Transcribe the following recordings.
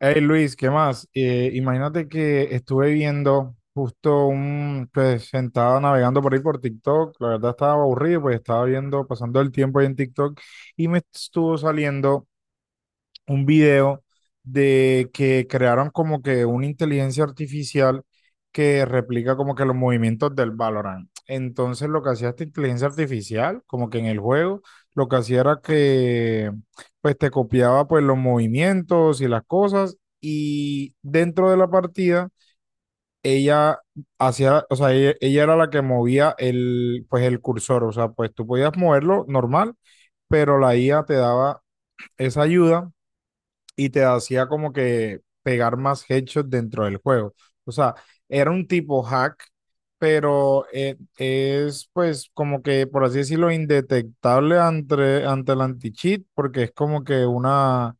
Hey Luis, ¿qué más? Imagínate que estuve viendo justo un, pues sentado navegando por ahí por TikTok, la verdad estaba aburrido, pues estaba viendo, pasando el tiempo ahí en TikTok y me estuvo saliendo un video de que crearon como que una inteligencia artificial que replica como que los movimientos del Valorant. Entonces lo que hacía esta inteligencia artificial, como que en el juego, lo que hacía era que pues te copiaba pues los movimientos y las cosas y dentro de la partida ella hacía, o sea, ella era la que movía el pues el cursor, o sea, pues tú podías moverlo normal, pero la IA te daba esa ayuda y te hacía como que pegar más headshots dentro del juego. O sea, era un tipo hack, pero es pues como que, por así decirlo, indetectable ante el anti-cheat, porque es como que una...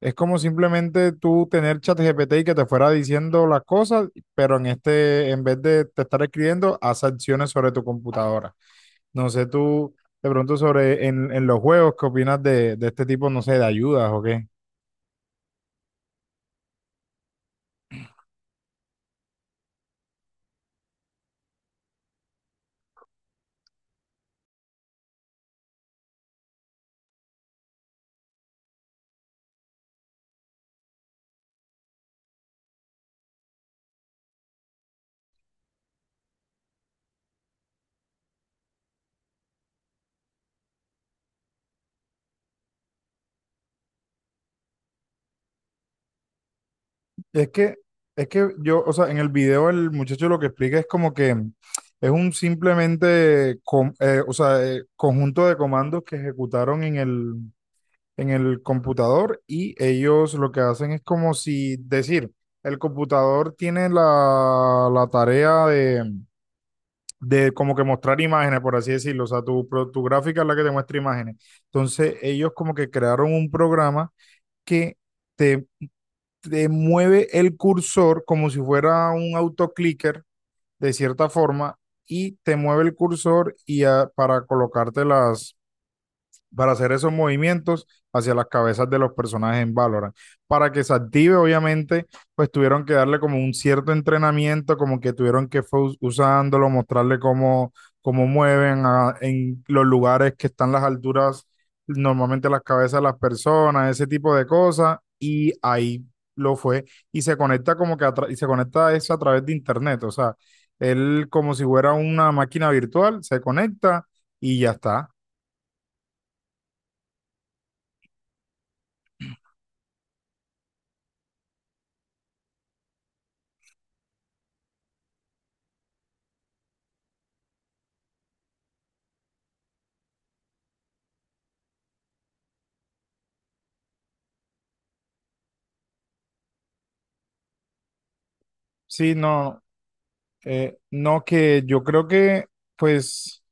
Es como simplemente tú tener ChatGPT y que te fuera diciendo las cosas, pero en este, en vez de te estar escribiendo, haz acciones sobre tu computadora. No sé tú, de pronto sobre en los juegos, ¿qué opinas de este tipo, no sé, de ayudas o qué? Es que, es que yo, o sea, en el video el muchacho lo que explica es como que es un simplemente, com- o sea, conjunto de comandos que ejecutaron en el computador y ellos lo que hacen es como si decir, el computador tiene la, la tarea de como que mostrar imágenes, por así decirlo, o sea, tu, pro- tu gráfica es la que te muestra imágenes. Entonces ellos como que crearon un programa que... te mueve el cursor como si fuera un autoclicker, de cierta forma, y te mueve el cursor y a para colocarte las, para hacer esos movimientos hacia las cabezas de los personajes en Valorant. Para que se active, obviamente, pues tuvieron que darle como un cierto entrenamiento, como que tuvieron que fue usándolo, mostrarle cómo, cómo mueven a, en los lugares que están las alturas, normalmente las cabezas de las personas, ese tipo de cosas, y ahí lo fue. Y se conecta como que y se conecta a eso a través de internet, o sea, él como si fuera una máquina virtual, se conecta y ya está. Sí, no. No, que yo creo que, pues,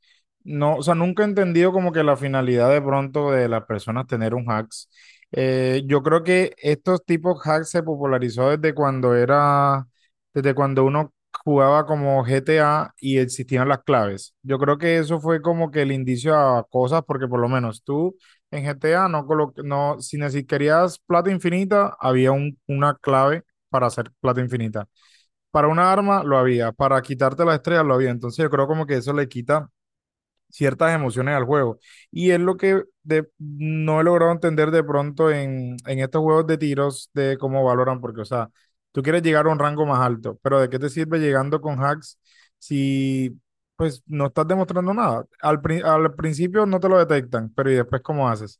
no, o sea, nunca he entendido como que la finalidad de pronto de las personas tener un hacks. Yo creo que estos tipos hacks se popularizó desde cuando era, desde cuando uno jugaba como GTA y existían las claves. Yo creo que eso fue como que el indicio a cosas, porque por lo menos tú en GTA no, colo- no, si neces- querías plata infinita, había un- una clave para hacer plata infinita para una arma lo había, para quitarte las estrellas lo había. Entonces yo creo como que eso le quita ciertas emociones al juego. Y es lo que de- no he logrado entender de pronto en estos juegos de tiros de cómo valoran, porque, o sea, tú quieres llegar a un rango más alto, pero ¿de qué te sirve llegando con hacks si pues no estás demostrando nada? Al, pri- al principio no te lo detectan, pero ¿y después cómo haces?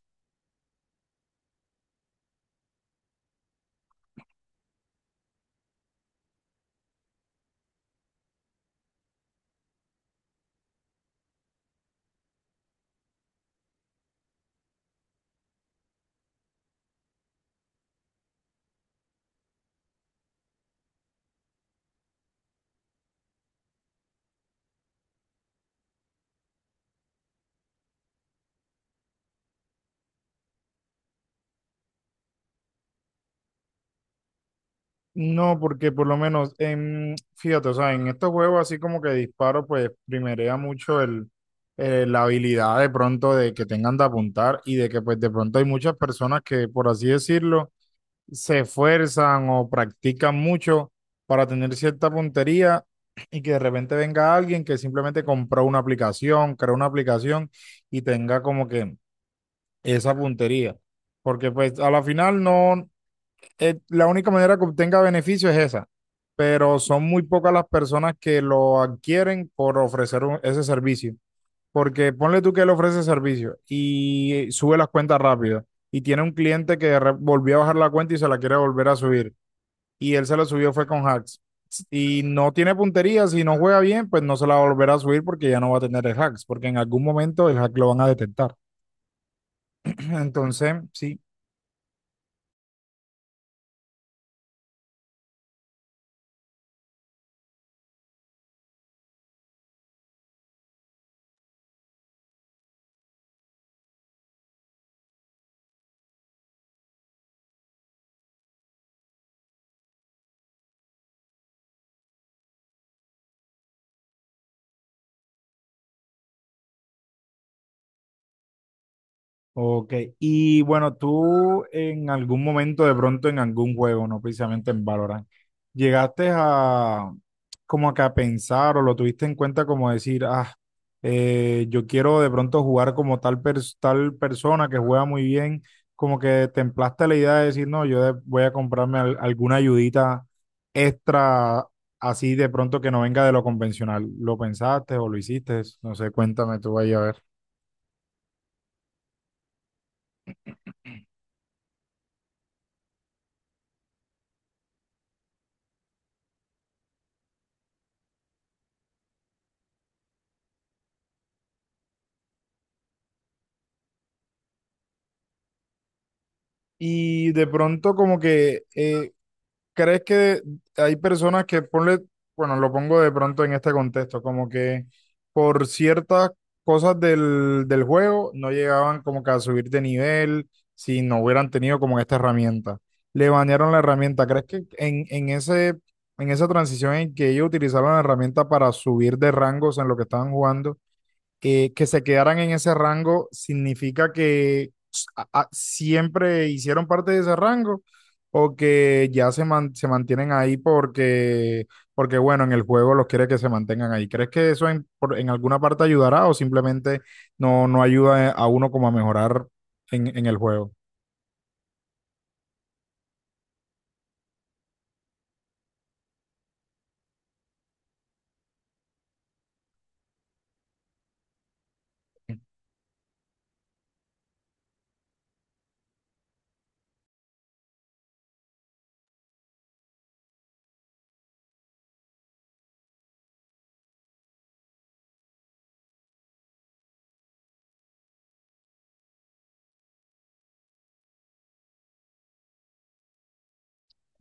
No, porque por lo menos, en, fíjate, o sea, en estos juegos así como que disparo, pues primerea mucho el, la habilidad de pronto de que tengan de apuntar y de que pues de pronto hay muchas personas que, por así decirlo, se esfuerzan o practican mucho para tener cierta puntería y que de repente venga alguien que simplemente compró una aplicación, creó una aplicación y tenga como que esa puntería. Porque pues a la final no, la única manera que obtenga beneficio es esa, pero son muy pocas las personas que lo adquieren por ofrecer un- ese servicio, porque ponle tú que él ofrece servicio y sube las cuentas rápido y tiene un cliente que de re- volvió a bajar la cuenta y se la quiere volver a subir y él se la subió fue con hacks y no tiene puntería, si no juega bien, pues no se la volverá a subir porque ya no va a tener el hacks, porque en algún momento el hack lo van a detectar. Entonces, sí. Ok, y bueno, tú en algún momento, de pronto en algún juego, no precisamente en Valorant, llegaste a como que a pensar o lo tuviste en cuenta como decir, ah, yo quiero de pronto jugar como tal, pers- tal persona que juega muy bien, como que templaste la idea de decir, no, yo de- voy a comprarme al- alguna ayudita extra así de pronto que no venga de lo convencional. ¿Lo pensaste o lo hiciste? No sé, cuéntame tú ahí a ver. Y de pronto como que crees que hay personas que ponle, bueno, lo pongo de pronto en este contexto, como que por ciertas cosas del, del juego no llegaban como que a subir de nivel si no hubieran tenido como esta herramienta. Le banearon la herramienta. ¿Crees que en ese, en esa transición en que ellos utilizaron la herramienta para subir de rangos en lo que estaban jugando? ¿Que se quedaran en ese rango significa que a- siempre hicieron parte de ese rango o que ya se, man- se mantienen ahí porque, porque, bueno, en el juego los quiere que se mantengan ahí? ¿Crees que eso en, por- en alguna parte ayudará o simplemente no, no ayuda a uno como a mejorar en el juego?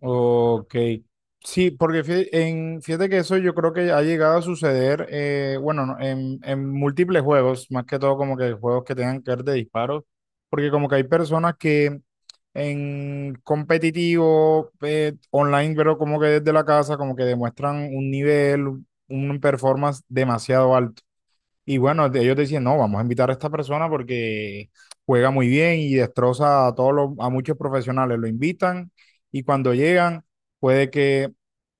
Ok. Sí, porque fí- en, fíjate que eso yo creo que ha llegado a suceder, bueno, no, en múltiples juegos, más que todo como que juegos que tengan que ver de disparos, porque como que hay personas que en competitivo, online, pero como que desde la casa, como que demuestran un nivel, un performance demasiado alto. Y bueno, de- ellos decían, no, vamos a invitar a esta persona porque juega muy bien y destroza a todos los, a muchos profesionales. Lo invitan y cuando llegan puede que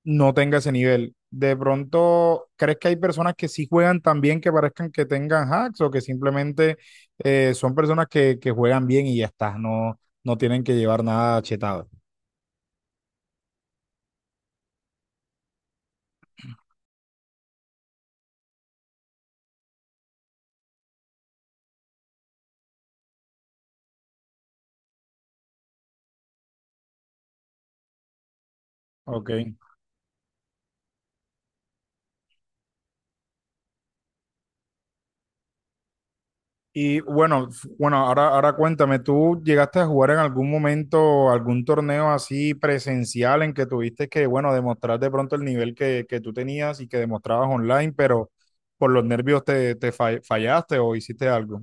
no tenga ese nivel. De pronto, ¿crees que hay personas que sí juegan tan bien que parezcan que tengan hacks o que simplemente son personas que juegan bien y ya está, no, no tienen que llevar nada chetado? Ok. Y bueno, f- bueno, ahora, ahora cuéntame, ¿tú llegaste a jugar en algún momento algún torneo así presencial en que tuviste que, bueno, demostrar de pronto el nivel que tú tenías y que demostrabas online, pero por los nervios te, te fa- fallaste o hiciste algo?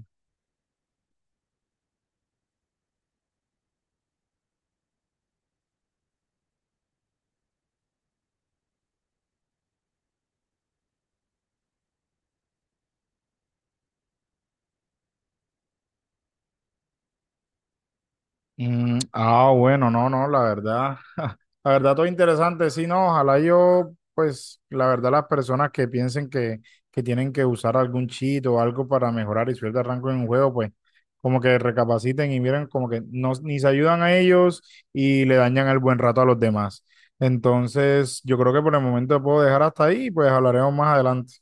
Bueno, no, no, la verdad, la verdad todo interesante, sí, no, ojalá yo, pues, la verdad las personas que piensen que tienen que usar algún cheat o algo para mejorar y subir de rango en un juego, pues, como que recapaciten y miren como que no, ni se ayudan a ellos y le dañan el buen rato a los demás. Entonces, yo creo que por el momento puedo dejar hasta ahí y pues hablaremos más adelante.